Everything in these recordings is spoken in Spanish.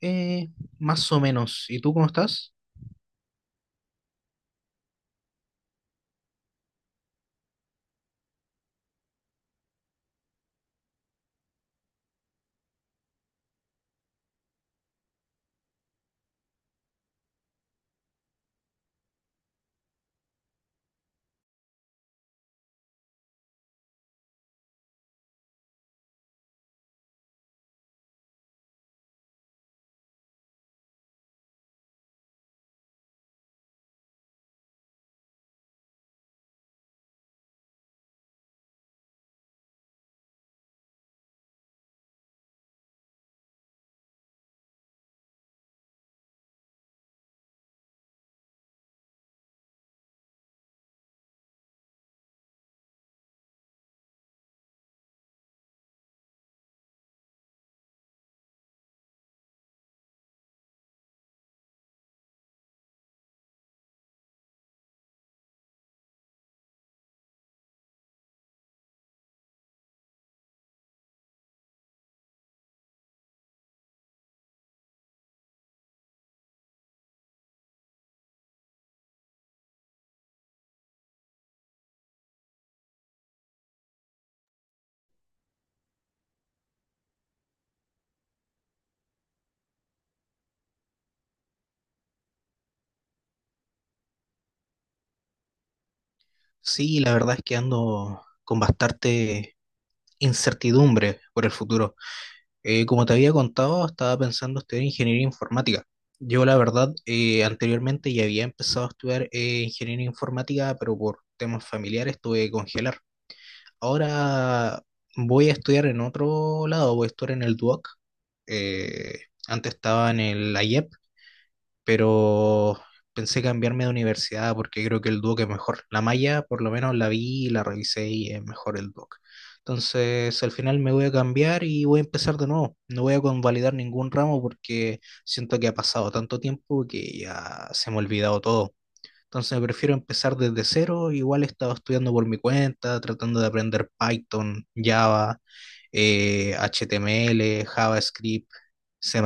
Eh, Más o menos. ¿Y tú cómo estás? Sí, la verdad es que ando con bastante incertidumbre por el futuro. Como te había contado, estaba pensando estudiar ingeniería informática. Yo, la verdad, anteriormente ya había empezado a estudiar ingeniería informática, pero por temas familiares tuve que congelar. Ahora voy a estudiar en otro lado, voy a estudiar en el Duoc. Eh, Antes estaba en el IEP, pero pensé cambiarme de universidad porque creo que el Duoc es mejor. La malla, por lo menos la vi, y la revisé y es mejor el Duoc. Entonces, al final me voy a cambiar y voy a empezar de nuevo. No voy a convalidar ningún ramo porque siento que ha pasado tanto tiempo que ya se me ha olvidado todo. Entonces prefiero empezar desde cero. Igual he estado estudiando por mi cuenta, tratando de aprender Python, Java, HTML, JavaScript, C++,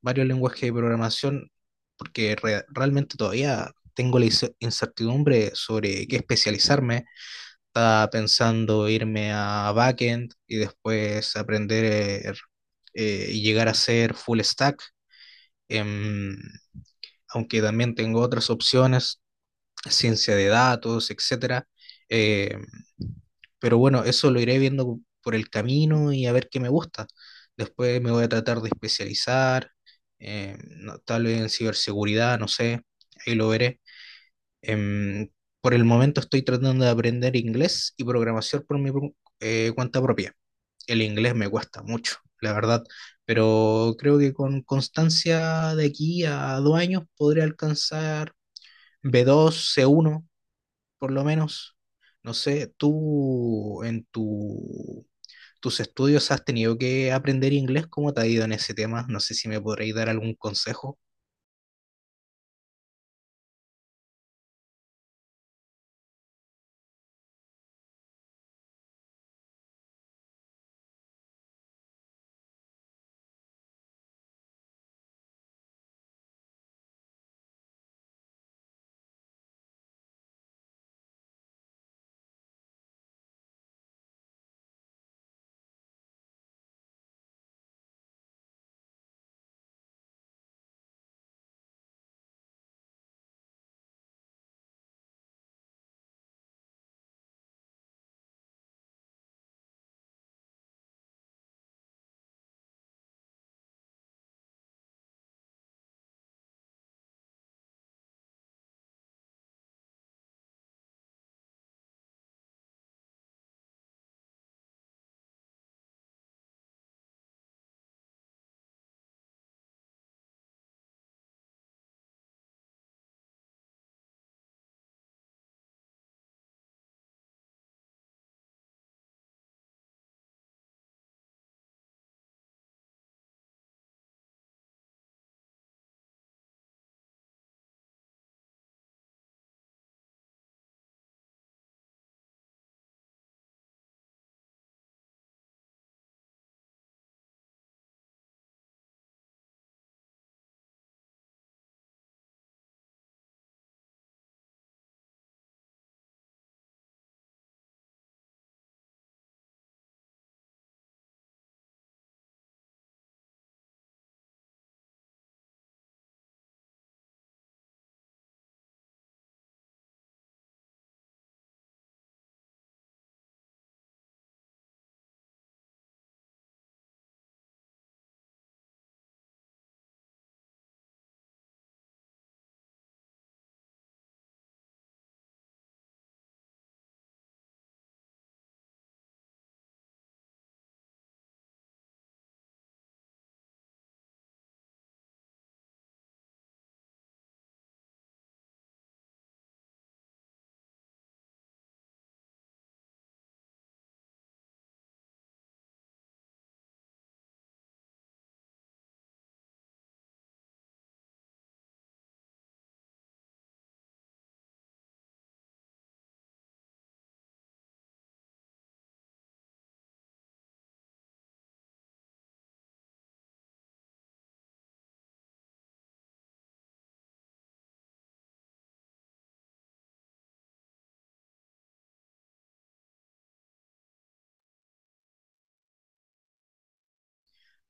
varios lenguajes de programación, porque realmente todavía tengo la incertidumbre sobre qué especializarme. Estaba pensando irme a backend y después aprender y llegar a ser full stack. em, Aunque también tengo otras opciones, ciencia de datos, etcétera. Eh, pero bueno, eso lo iré viendo por el camino y a ver qué me gusta. Después me voy a tratar de especializar, tal vez en ciberseguridad, no sé, ahí lo veré. Em, por el momento estoy tratando de aprender inglés y programación por mi cuenta propia. El inglés me cuesta mucho, la verdad, pero creo que con constancia de aquí a 2 años podré alcanzar B2, C1 por lo menos. No sé, tú en tus estudios has tenido que aprender inglés, ¿cómo te ha ido en ese tema? No sé si me podréis dar algún consejo.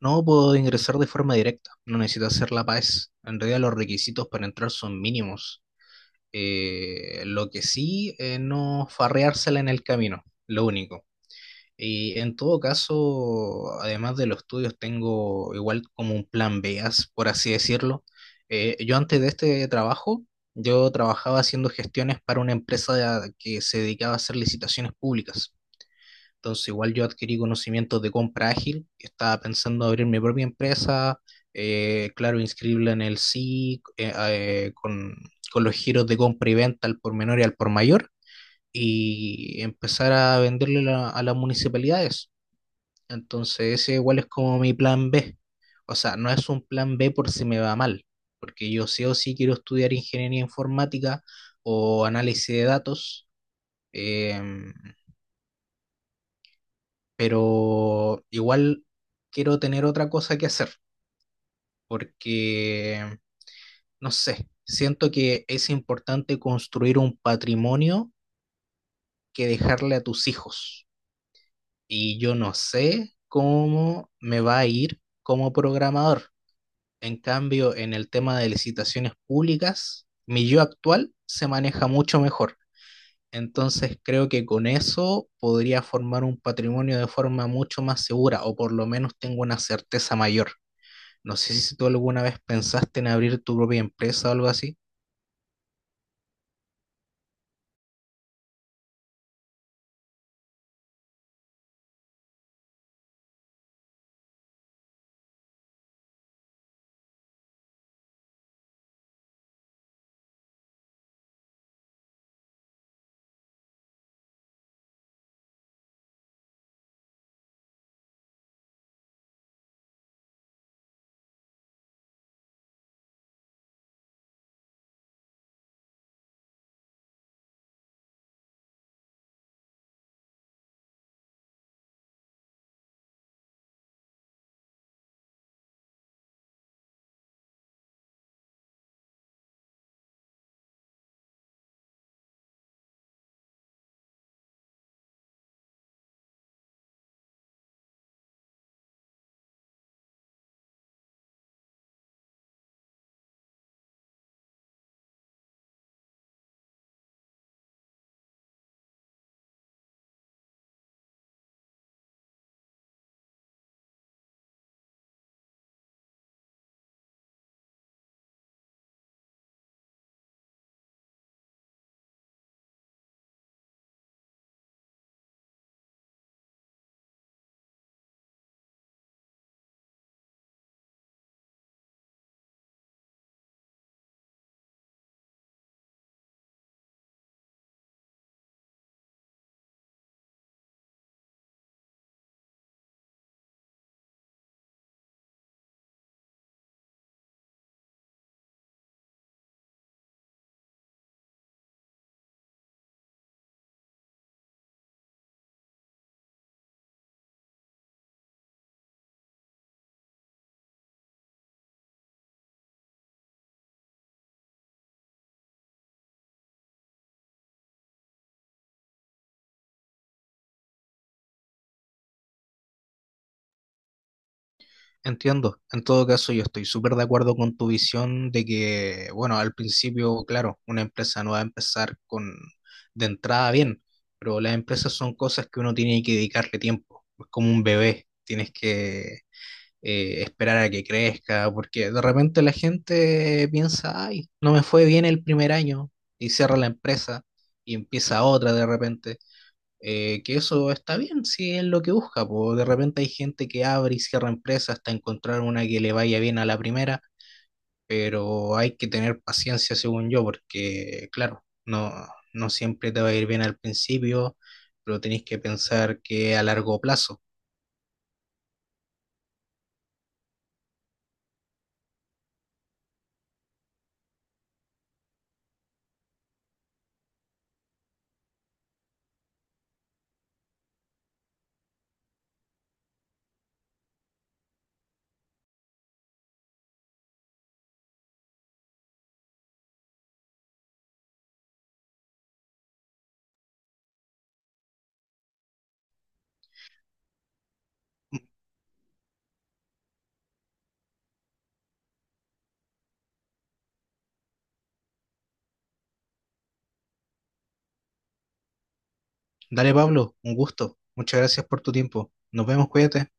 No puedo ingresar de forma directa, no necesito hacer la PAES. En realidad los requisitos para entrar son mínimos. Lo que sí, no farreársela en el camino, lo único. Y en todo caso, además de los estudios, tengo igual como un plan B, por así decirlo. Yo antes de este trabajo, yo trabajaba haciendo gestiones para una empresa que se dedicaba a hacer licitaciones públicas. Entonces, igual yo adquirí conocimientos de compra ágil, estaba pensando abrir mi propia empresa, claro, inscribirla en el SIC, con los giros de compra y venta al por menor y al por mayor, y empezar a venderle a las municipalidades. Entonces ese igual es como mi plan B. O sea, no es un plan B por si me va mal, porque yo sí o sí quiero estudiar ingeniería informática o análisis de datos, em, pero igual quiero tener otra cosa que hacer, porque, no sé, siento que es importante construir un patrimonio que dejarle a tus hijos. Y yo no sé cómo me va a ir como programador. En cambio, en el tema de licitaciones públicas, mi yo actual se maneja mucho mejor. Entonces creo que con eso podría formar un patrimonio de forma mucho más segura o por lo menos tengo una certeza mayor. No sé si tú alguna vez pensaste en abrir tu propia empresa o algo así. Entiendo. En todo caso, yo estoy súper de acuerdo con tu visión de que, bueno, al principio, claro, una empresa no va a empezar con de entrada bien, pero las empresas son cosas que uno tiene que dedicarle tiempo. Es como un bebé, tienes que esperar a que crezca, porque de repente la gente piensa, ay, no me fue bien el primer año y cierra la empresa y empieza otra de repente, que eso está bien si es lo que busca, po. De repente hay gente que abre y cierra empresas hasta encontrar una que le vaya bien a la primera, pero hay que tener paciencia según yo, porque claro, no siempre te va a ir bien al principio, pero tenés que pensar que a largo plazo. Dale, Pablo, un gusto. Muchas gracias por tu tiempo. Nos vemos, cuídate.